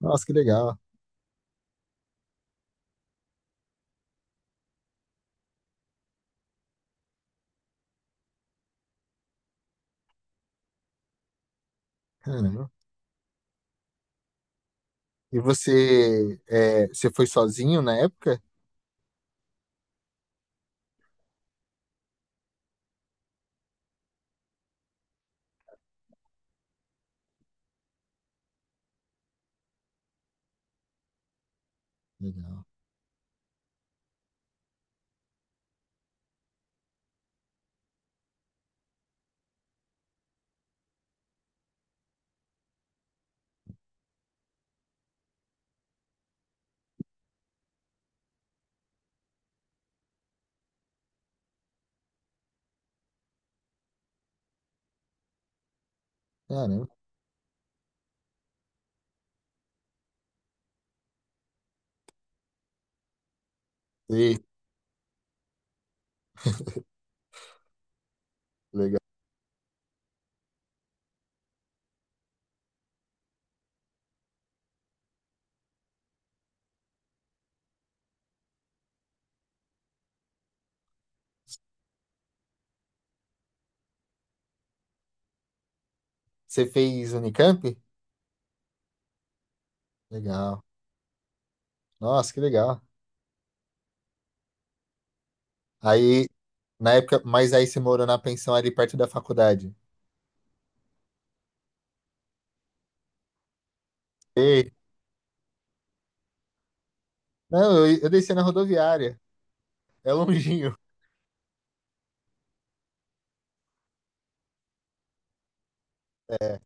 Nossa, que legal. Caramba. E você, você foi sozinho na época? Legal. Caramba. E, legal. Você fez Unicamp? Legal. Nossa, que legal. Aí, na época, mas aí você morou na pensão ali perto da faculdade? Ei. Não, eu desci na rodoviária. É longinho. É.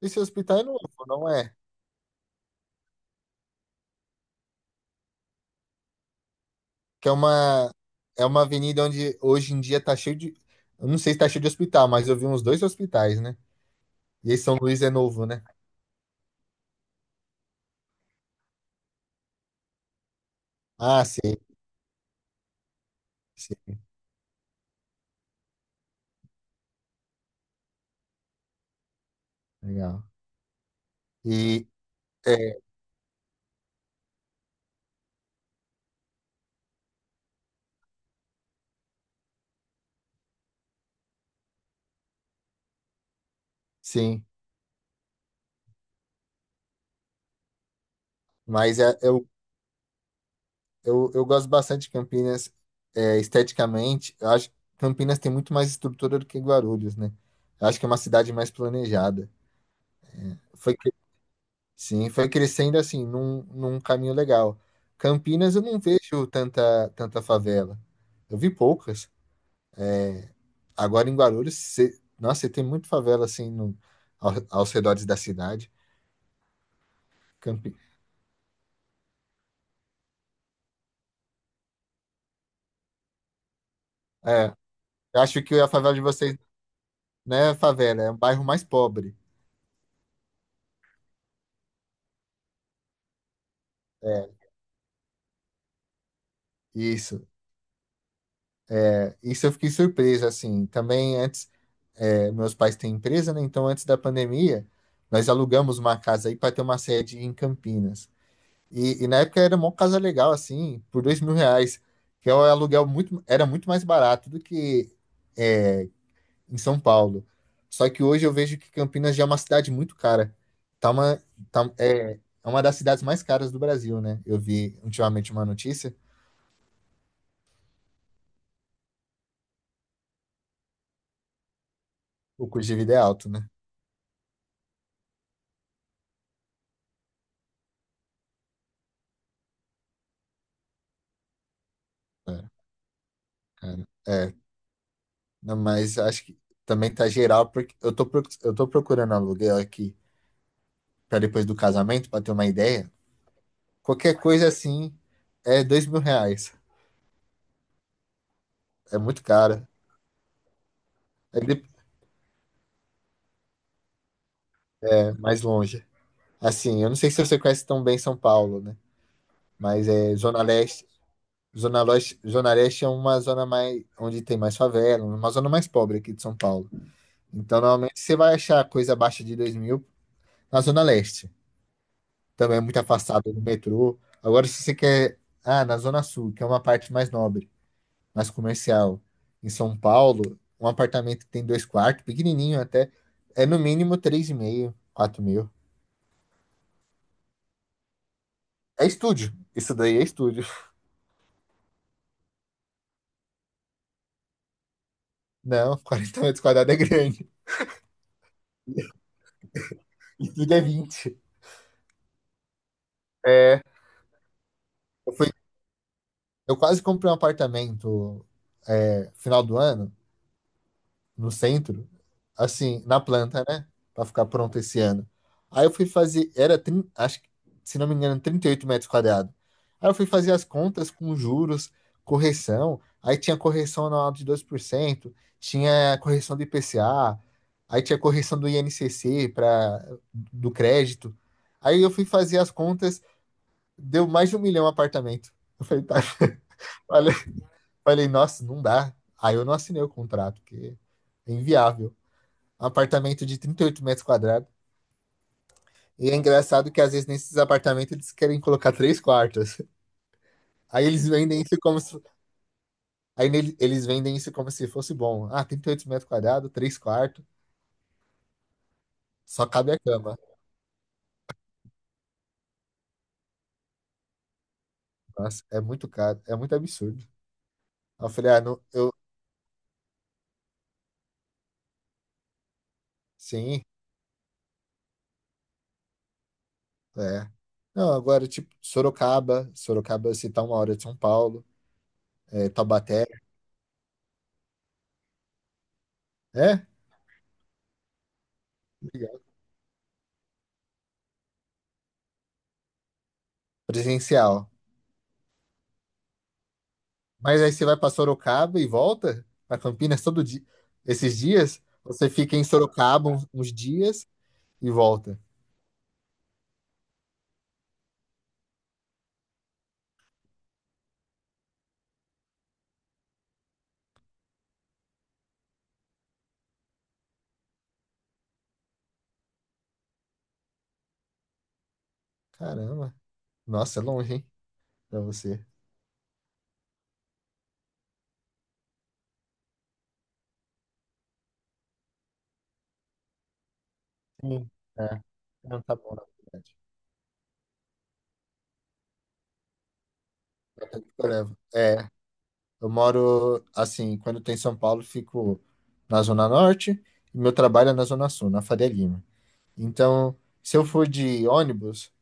Esse hospital é novo, não é? Que é uma, é uma avenida onde hoje em dia tá cheio de. Eu não sei se tá cheio de hospital, mas eu vi uns dois hospitais, né? E esse São Luís é novo, né? Ah, sim. Sim, legal. E é, sim, mas é- eu, eu gosto bastante de Campinas, esteticamente. Eu acho que Campinas tem muito mais estrutura do que Guarulhos, né? Eu acho que é uma cidade mais planejada. Foi, cre- sim, foi crescendo assim, num caminho legal. Campinas eu não vejo tanta favela. Eu vi poucas. Agora em Guarulhos, cê, nossa, você tem muito favela assim no, aos redores da cidade. Campi- é, eu acho que a favela de vocês, né, favela, é um bairro mais pobre. É, isso. É. Isso eu fiquei surpreso, assim. Também antes, meus pais têm empresa, né? Então, antes da pandemia, nós alugamos uma casa aí para ter uma sede em Campinas. E na época era uma casa legal, assim, por R$ 2.000, que é um aluguel era muito mais barato do que, é, em São Paulo. Só que hoje eu vejo que Campinas já é uma cidade muito cara. Tá uma, tá, é, é uma das cidades mais caras do Brasil, né? Eu vi ultimamente uma notícia. O custo de vida é alto, né? É, cara. É, não, mas acho que também tá geral, porque eu tô, proc- eu tô procurando aluguel aqui pra depois do casamento, pra ter uma ideia. Qualquer coisa assim é R$ 2.000. É muito caro. É, de- é mais longe. Assim, eu não sei se você conhece tão bem São Paulo, né? Mas é Zona Leste. Zona Leste é uma zona mais onde tem mais favela, uma zona mais pobre aqui de São Paulo. Então, normalmente você vai achar coisa abaixo de 2.000 na Zona Leste. Também é muito afastado do metrô. Agora, se você quer, ah, na Zona Sul, que é uma parte mais nobre, mais comercial, em São Paulo, um apartamento que tem dois quartos, pequenininho até, é no mínimo 3.500, 4.000. É estúdio. Isso daí é estúdio. Não, 40 m² é grande. Estúdio é 20. É, eu, fui, eu quase comprei um apartamento, final do ano, no centro, assim, na planta, né? Pra ficar pronto esse ano. Aí eu fui fazer, era, trin- acho que, se não me engano, 38 metros quadrados. Aí eu fui fazer as contas com juros, correção. Aí tinha correção anual de 2%, tinha correção do IPCA, aí tinha correção do INCC para do crédito. Aí eu fui fazer as contas, deu mais de 1 milhão apartamento. Eu falei, tá, falei, falei, nossa, não dá. Aí eu não assinei o contrato, porque é inviável apartamento de 38 m². E é engraçado que às vezes nesses apartamentos eles querem colocar três quartos. Aí eles vendem isso como se, aí nele- eles vendem isso como se fosse bom. Ah, 38 m², três quartos, só cabe a cama. Nossa, é muito caro, é muito absurdo. Aí eu falei, ah, não, eu, sim, é. Não, agora, tipo, Sorocaba, se tá uma hora de São Paulo, Taubaté, é, legal. Presencial. Mas aí você vai para Sorocaba e volta para Campinas todo dia. Esses dias, você fica em Sorocaba uns dias e volta. Caramba. Nossa, é longe, hein? Pra você. Sim. É. Não tá bom, na verdade. Eu levo. É, eu moro assim, quando eu tô em São Paulo, fico na Zona Norte e meu trabalho é na Zona Sul, na Faria Lima. Então, se eu for de ônibus,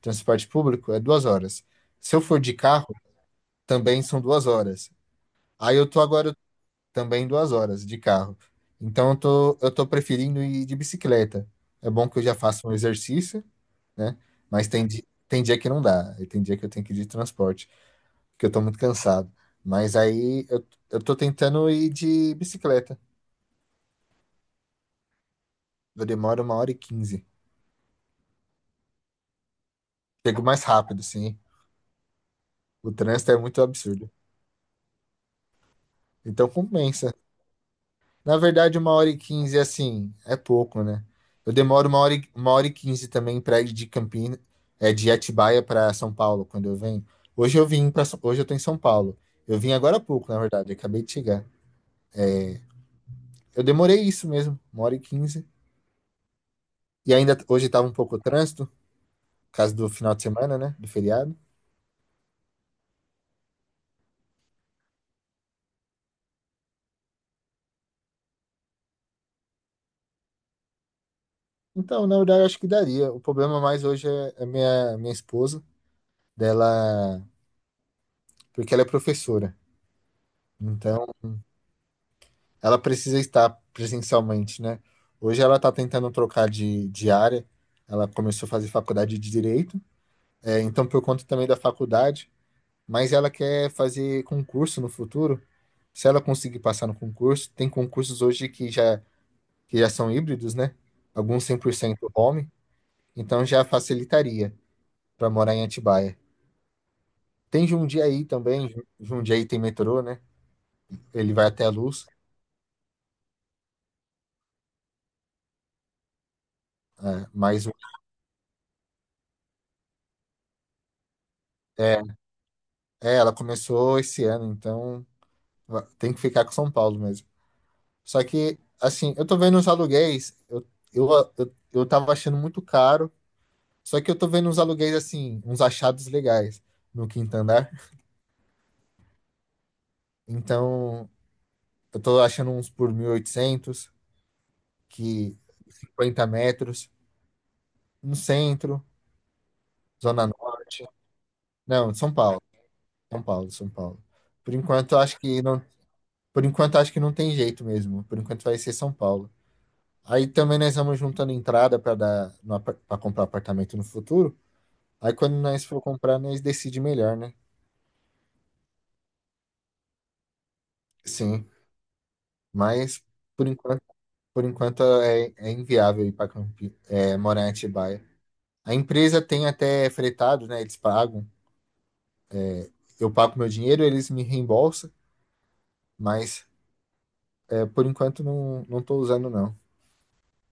transporte público, é 2 horas. Se eu for de carro, também são 2 horas. Aí eu tô agora, também 2 horas de carro. Então eu tô preferindo ir de bicicleta. É bom que eu já faço um exercício, né? Mas tem, tem dia que não dá. E tem dia que eu tenho que ir de transporte, porque eu tô muito cansado. Mas aí eu tô tentando ir de bicicleta. Eu demoro uma hora e quinze. Chego mais rápido, sim. O trânsito é muito absurdo. Então compensa. Na verdade, uma hora e quinze, assim, é pouco, né? Eu demoro uma hora e quinze também pra ir de Campinas, de Atibaia para São Paulo, quando eu venho. Hoje eu tô em São Paulo. Eu vim agora há pouco, na verdade, eu acabei de chegar. Eu demorei isso mesmo, uma hora e quinze. Hoje tava um pouco o trânsito, por causa do final de semana, né? Do feriado. Então, na verdade, eu acho que daria. O problema mais hoje é a minha, minha esposa, dela, porque ela é professora. Então, ela precisa estar presencialmente, né? Hoje ela está tentando trocar de área, ela começou a fazer faculdade de Direito, então por conta também da faculdade, mas ela quer fazer concurso no futuro. Se ela conseguir passar no concurso, tem concursos hoje que já são híbridos, né? Alguns 100% home, então já facilitaria para morar em Atibaia. Tem Jundiaí também, Jundiaí tem metrô, né? Ele vai até a Luz, é, mas é, ela começou esse ano, então tem que ficar com São Paulo mesmo. Só que, assim, eu tô vendo os aluguéis, eu, eu tava achando muito caro, só que eu tô vendo uns aluguéis, assim, uns achados legais no quinto andar. Então, eu tô achando uns por 1.800, que 50 m, no centro, Zona Norte. Não, São Paulo. Por enquanto, eu acho que não, por enquanto, eu acho que não tem jeito mesmo. Por enquanto, vai ser São Paulo. Aí também nós vamos juntando entrada para dar para comprar apartamento no futuro. Aí quando nós for comprar, nós decide melhor, né? Sim, mas por enquanto, é inviável ir para morar em Atibaia. A empresa tem até fretado, né? Eles pagam. Eu pago meu dinheiro, eles me reembolsam, mas por enquanto não estou usando não.